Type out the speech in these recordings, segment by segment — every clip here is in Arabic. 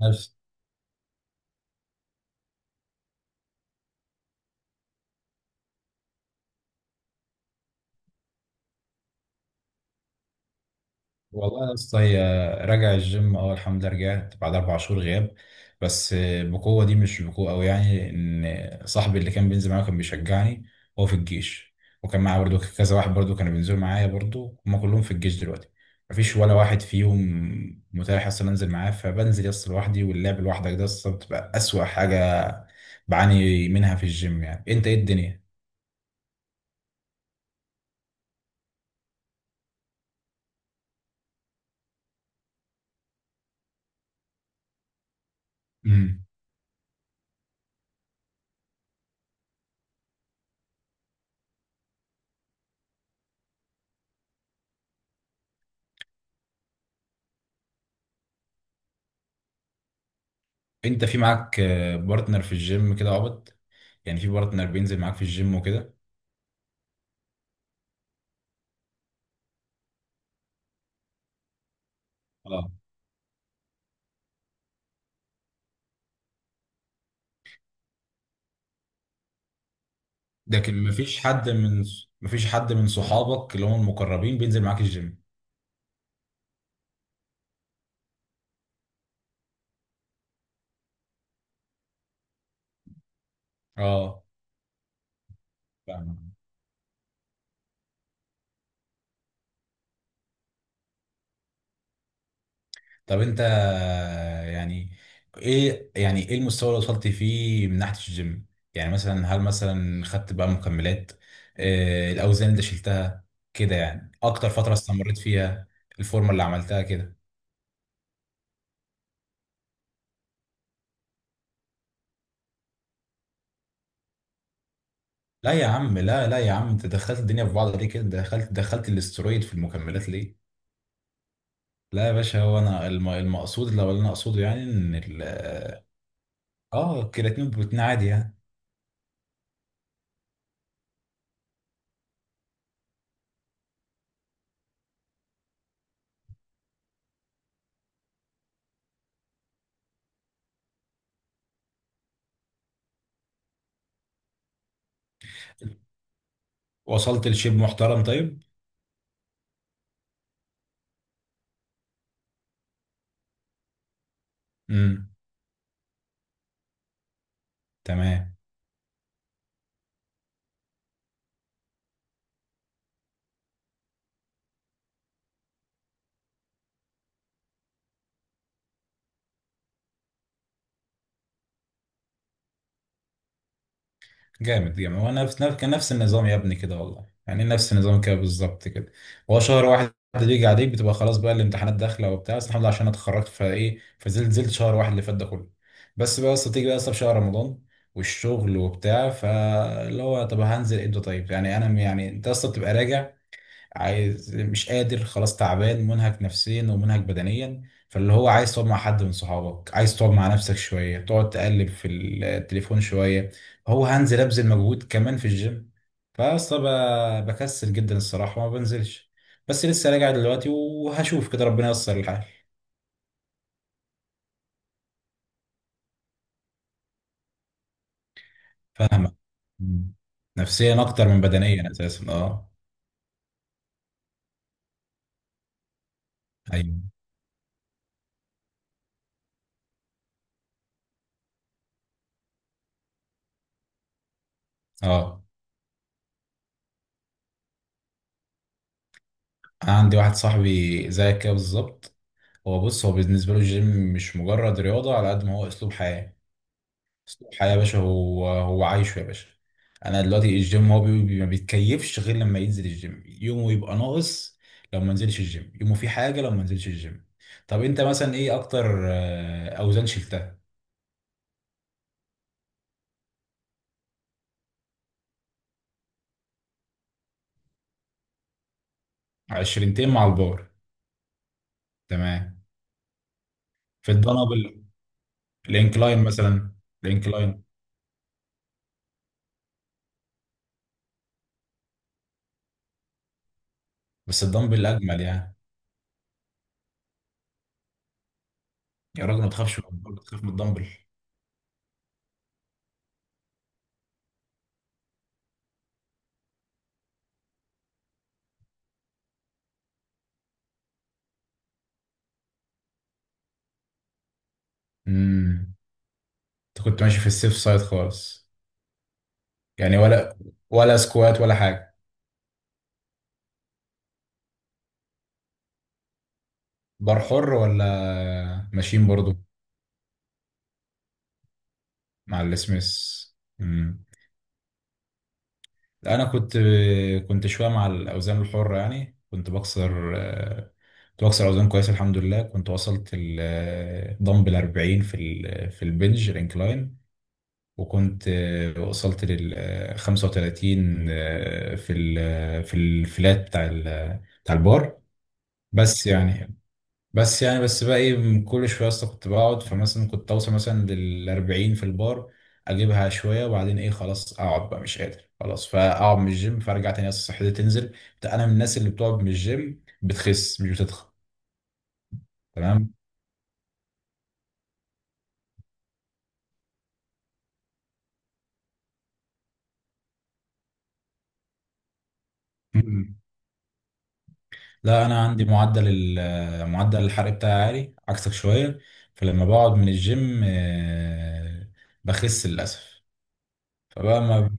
نفس. والله يا اسطى، هي راجع الجيم، الحمد لله رجعت بعد 4 شهور غياب. بس بقوه دي مش بقوه قوي يعني، ان صاحبي اللي كان بينزل معايا كان بيشجعني هو في الجيش، وكان معايا برضو كذا واحد برضو كانوا بينزلوا معايا برضو، هما كلهم في الجيش دلوقتي. مفيش ولا واحد فيهم متاح اصلا انزل معاه، فبنزل يس لوحدي، واللعب لوحدك ده اصلا بتبقى اسوأ حاجه بعاني منها في الجيم. يعني انت ايه الدنيا؟ انت في معاك بارتنر في الجيم كده عبط؟ يعني في بارتنر بينزل معاك في الجيم وكده؟ اه. لكن مفيش حد من صحابك اللي هم المقربين بينزل معاك الجيم؟ اه. فاهم. طب انت يعني ايه، يعني ايه المستوى اللي وصلت فيه من ناحية الجيم؟ يعني مثلا هل مثلا خدت بقى مكملات؟ الاوزان اللي شلتها كده يعني، اكتر فترة استمريت فيها، الفورمة اللي عملتها كده؟ لا يا عم، لا لا يا عم، انت دخلت الدنيا في بعض ليه كده؟ دخلت الاسترويد في المكملات ليه؟ لا يا باشا، هو انا المقصود اللي انا اقصده يعني ان ال اه الكرياتين والبروتين عادي يعني. وصلت لشيب محترم؟ طيب. امم. تمام. جامد جامد. هو كان نفس النظام يا ابني كده والله، يعني نفس النظام كده بالظبط كده. هو شهر واحد بيجي عليك بتبقى خلاص بقى، الامتحانات داخله وبتاع، بس الحمد لله عشان انا اتخرجت فايه، فنزلت شهر واحد اللي فات ده كله. بس بقى اصل تيجي بقى اصلا في شهر رمضان والشغل وبتاع، فاللي هو طب هنزل امتى طيب؟ يعني انا م- يعني انت اصلا بتبقى راجع عايز مش قادر، خلاص تعبان منهك نفسيا ومنهك بدنيا، فاللي هو عايز تقعد مع حد من صحابك، عايز تقعد مع نفسك شوية، تقعد تقلب في التليفون شوية، هو هنزل أبذل مجهود كمان في الجيم؟ فأصلا بكسل جدا الصراحة، وما بنزلش. بس لسه راجع دلوقتي وهشوف كده، ربنا ييسر الحال. فاهمك. مم. نفسيا أكتر من بدنيا أساسا، اه. أيوه. اه. أنا عندي واحد صاحبي زيك كده بالظبط. هو بص، هو بالنسبة له الجيم مش مجرد رياضة على قد ما هو أسلوب حياة. أسلوب حياة يا باشا، هو عايشه يا باشا. أنا دلوقتي الجيم هو ما بيتكيفش غير لما ينزل الجيم، يومه يبقى ناقص. لو ما نزلش الجيم يومه فيه حاجة، لو ما نزلش الجيم. طب أنت مثلا إيه أكتر أوزان شلتها؟ عشرينتين مع البار. تمام. في الدنابل؟ الإنكلاين مثلا؟ الإنكلاين. بس الدمبل أجمل يعني. يا راجل ما تخافش من الدمبل، تخاف من الدمبل! امم. أنت كنت ماشي في السيف سايد خالص؟ يعني، ولا سكوات ولا حاجة؟ بار حر ولا ماشيين برضو؟ مع السميث. مم. لا أنا كنت كنت شوية مع الأوزان الحرة يعني، كنت بكسر كنت بكسر أوزان كويس الحمد لله، كنت وصلت الدمبل 40 في في البنج الانكلاين، وكنت وصلت لل 35 في في الفلات بتاع البار. بس يعني بس بقى ايه، من كل شويه اصلا كنت بقعد، فمثلا كنت اوصل مثلا للأربعين في البار، اجيبها شويه وبعدين ايه خلاص اقعد بقى مش قادر خلاص، فاقعد من الجيم فارجع تاني اصلا صحتي تنزل. انا من الناس اللي بتقعد من الجيم بتخس مش بتتخن. تمام. مم. لا انا عندي معدل الحرق بتاعي عالي عكسك شويه. فلما بقعد من الجيم بخس للاسف. فبقى ما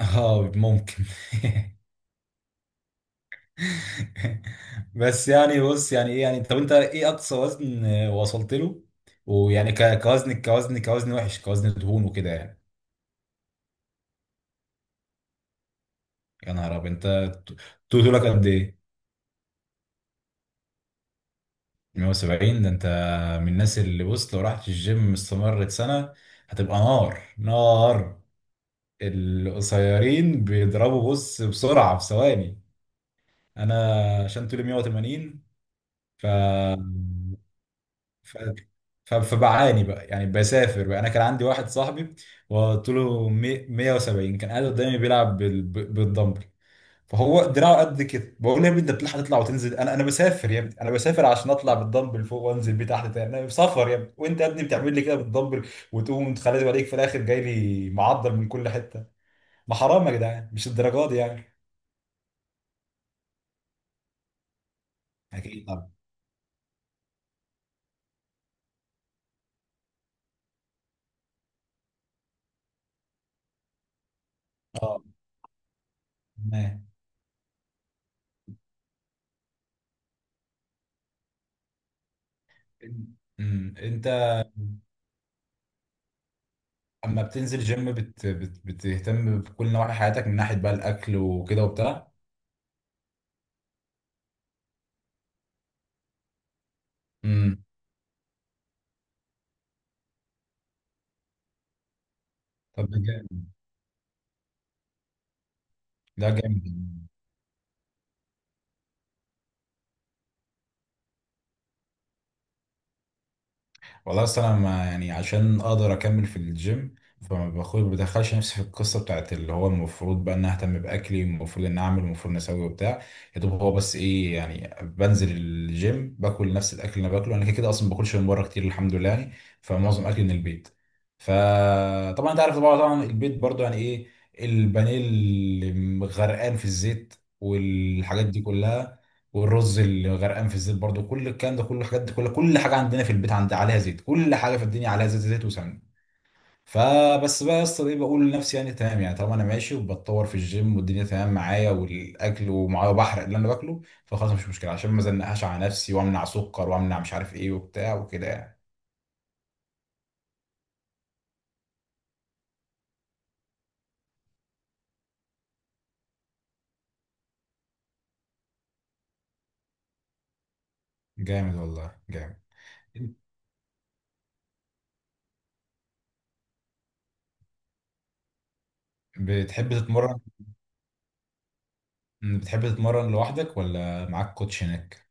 اه ممكن. بس يعني بص، يعني ايه يعني، طب انت ايه اقصى وزن وصلت له؟ ويعني كوزن وحش، كوزن دهون وكده يعني. يا نهار ابيض! انت ط- طولك قد ايه؟ 170 ده. انت من الناس اللي بص، لو رحت الجيم استمرت سنة هتبقى نار نار. القصيرين بيضربوا بص بسرعة في ثواني. انا عشان طولي 180، ف ف... فبعاني بقى يعني، بسافر بقى. انا كان عندي واحد صاحبي وطوله 170، كان قاعد قدامي بيلعب بالدمبل، فهو دراعه قد كده، بقول له يا ابني انت بتلحق تطلع وتنزل؟ انا بسافر يا ابني، انا بسافر عشان اطلع بالدمبل فوق وانزل بيه تحت تاني، انا سفر يا ابني، وانت يا ابني بتعمل لي كده بالدمبل؟ وتقوم تخلي عليك في الاخر جاي لي معضل من كل حته! ما حرام يا جدعان، مش الدرجات دي يعني. اكيد طبعا. اه. تمام. امم. انت اما بتنزل جيم بتهتم بكل نواحي حياتك من ناحيه بقى الاكل وكده وبتاع؟ امم. طب ده جامد. ده جامد يعني. والله اصل انا ما يعني عشان اقدر اكمل في الجيم، فما باخد ما بدخلش نفسي في القصه بتاعت اللي هو المفروض بقى ان اهتم باكلي، المفروض ان اعمل، المفروض ان اسوي وبتاع. يا دوب هو بس ايه يعني، بنزل الجيم باكل نفس الاكل اللي انا باكله، انا كده كده اصلا ما باكلش من بره كتير الحمد لله يعني، فمعظم اكلي من البيت. فطبعا انت عارف، طبعا طبعا البيت برضو يعني ايه، البانيه اللي غرقان في الزيت والحاجات دي كلها، والرز اللي غرقان في الزيت برضو، كل الكلام ده، كل الحاجات دي، كل كل حاجه عندنا في البيت عند عليها زيت، كل حاجه في الدنيا عليها زيت، زيت وسمنه. فبس بقى يا اسطى ايه، بقول لنفسي يعني تمام، يعني طالما انا ماشي وبتطور في الجيم والدنيا تمام معايا والاكل ومعايا بحرق اللي انا باكله، فخلاص مش مشكله، عشان ما زنقهاش على نفسي وامنع سكر وامنع مش عارف ايه وبتاع وكده يعني. جامد والله جامد. بتحب تتمرن، بتحب تتمرن لوحدك ولا معاك كوتش هناك؟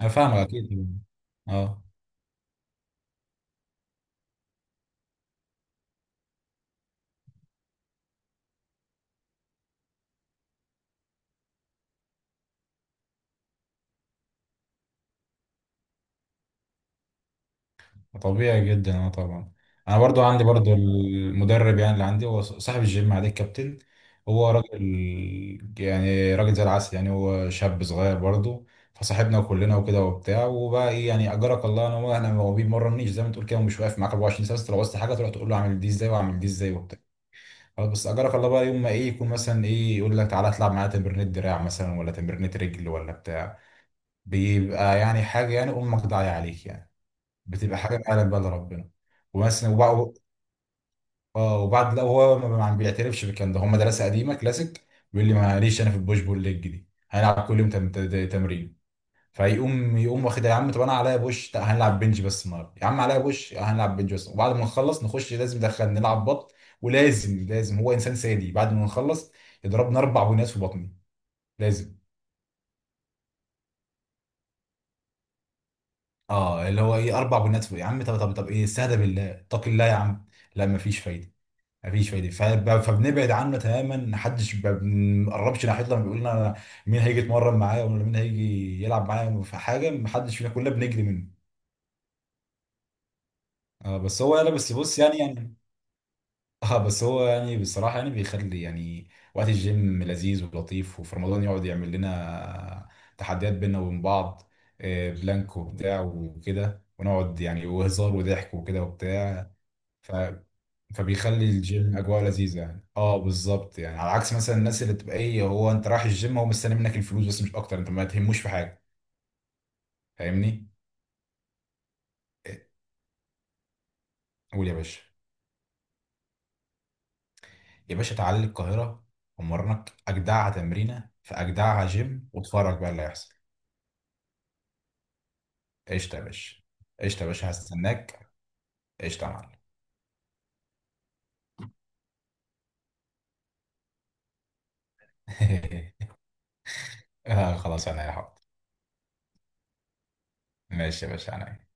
انا فاهمك اكيد. اه، طبيعي جدا، اه طبعا. انا برضو عندي برضو المدرب يعني اللي عندي هو صاحب الجيم، عليه الكابتن. هو راجل، يعني راجل زي العسل يعني، هو شاب صغير برضو، فصاحبنا كلنا وكده وبتاع، وبقى ايه يعني، اجرك الله انا، هو انا هو بيمرنيش زي ما تقول كده، ومش واقف معاك 24 ساعه، بس لو عوزت حاجه تروح تقول له اعمل دي ازاي واعمل دي ازاي وبتاع. خلاص، بس اجرك الله بقى يوم ما ايه، يكون مثلا ايه يقول لك تعالى اطلع معايا تمرينة دراع مثلا ولا تمرينة رجل ولا بتاع، بيبقى يعني حاجه يعني امك ضايعه عليك يعني، بتبقى حاجه معلم بقى لربنا. ومثلا وبعد، اه وبعد، لا هو ما بيعترفش بالكلام ده، هم مدرسه قديمه كلاسيك، بيقول لي ماليش انا في البوش بول ليج دي، هنلعب كل يوم تمرين، فيقوم واخد يا عم، طب انا عليا بوش، لا هنلعب بنج بس النهارده، يا عم عليا بوش، لا هنلعب بنج بس، وبعد ما نخلص نخش لازم ندخل نلعب بط، ولازم لازم، هو انسان سادي، بعد ما نخلص يضربنا 4 بنات في بطني لازم. اه اللي هو ايه 4 بنات في، يا عم طب طب طب ايه، استهدى بالله، اتق الله يا عم. لا مفيش فايده، مفيش فايده، فبنبعد عنه تماما، محدش بنقربش ناحيته لما بيقول لنا مين هيجي يتمرن معايا، ولا مين هيجي يلعب معايا في حاجه، محدش فينا، كلنا بنجري منه. اه بس هو انا بس بص يعني اه بس هو يعني بصراحه يعني بيخلي يعني وقت الجيم لذيذ ولطيف، وفي رمضان يقعد يعمل لنا تحديات بينا وبين بعض، بلانك وبتاع وكده، ونقعد يعني وهزار وضحك وكده وبتاع. فبيخلي الجيم اجواء لذيذه يعني، اه بالظبط يعني، على عكس مثلا الناس اللي تبقى ايه، هو انت رايح الجيم، هو مستني منك الفلوس بس، مش اكتر، انت ما تهموش في حاجه. فاهمني. إيه، قول يا باشا. يا باشا تعالى لي القاهره، ومرنك اجدعها تمرينه في اجدعها جيم، واتفرج بقى اللي هيحصل. قشطه يا باشا. قشطه يا باشا، هستناك. قشطه يا معلم. آه خلاص، انا يا حاضر. ماشي يا باشا انا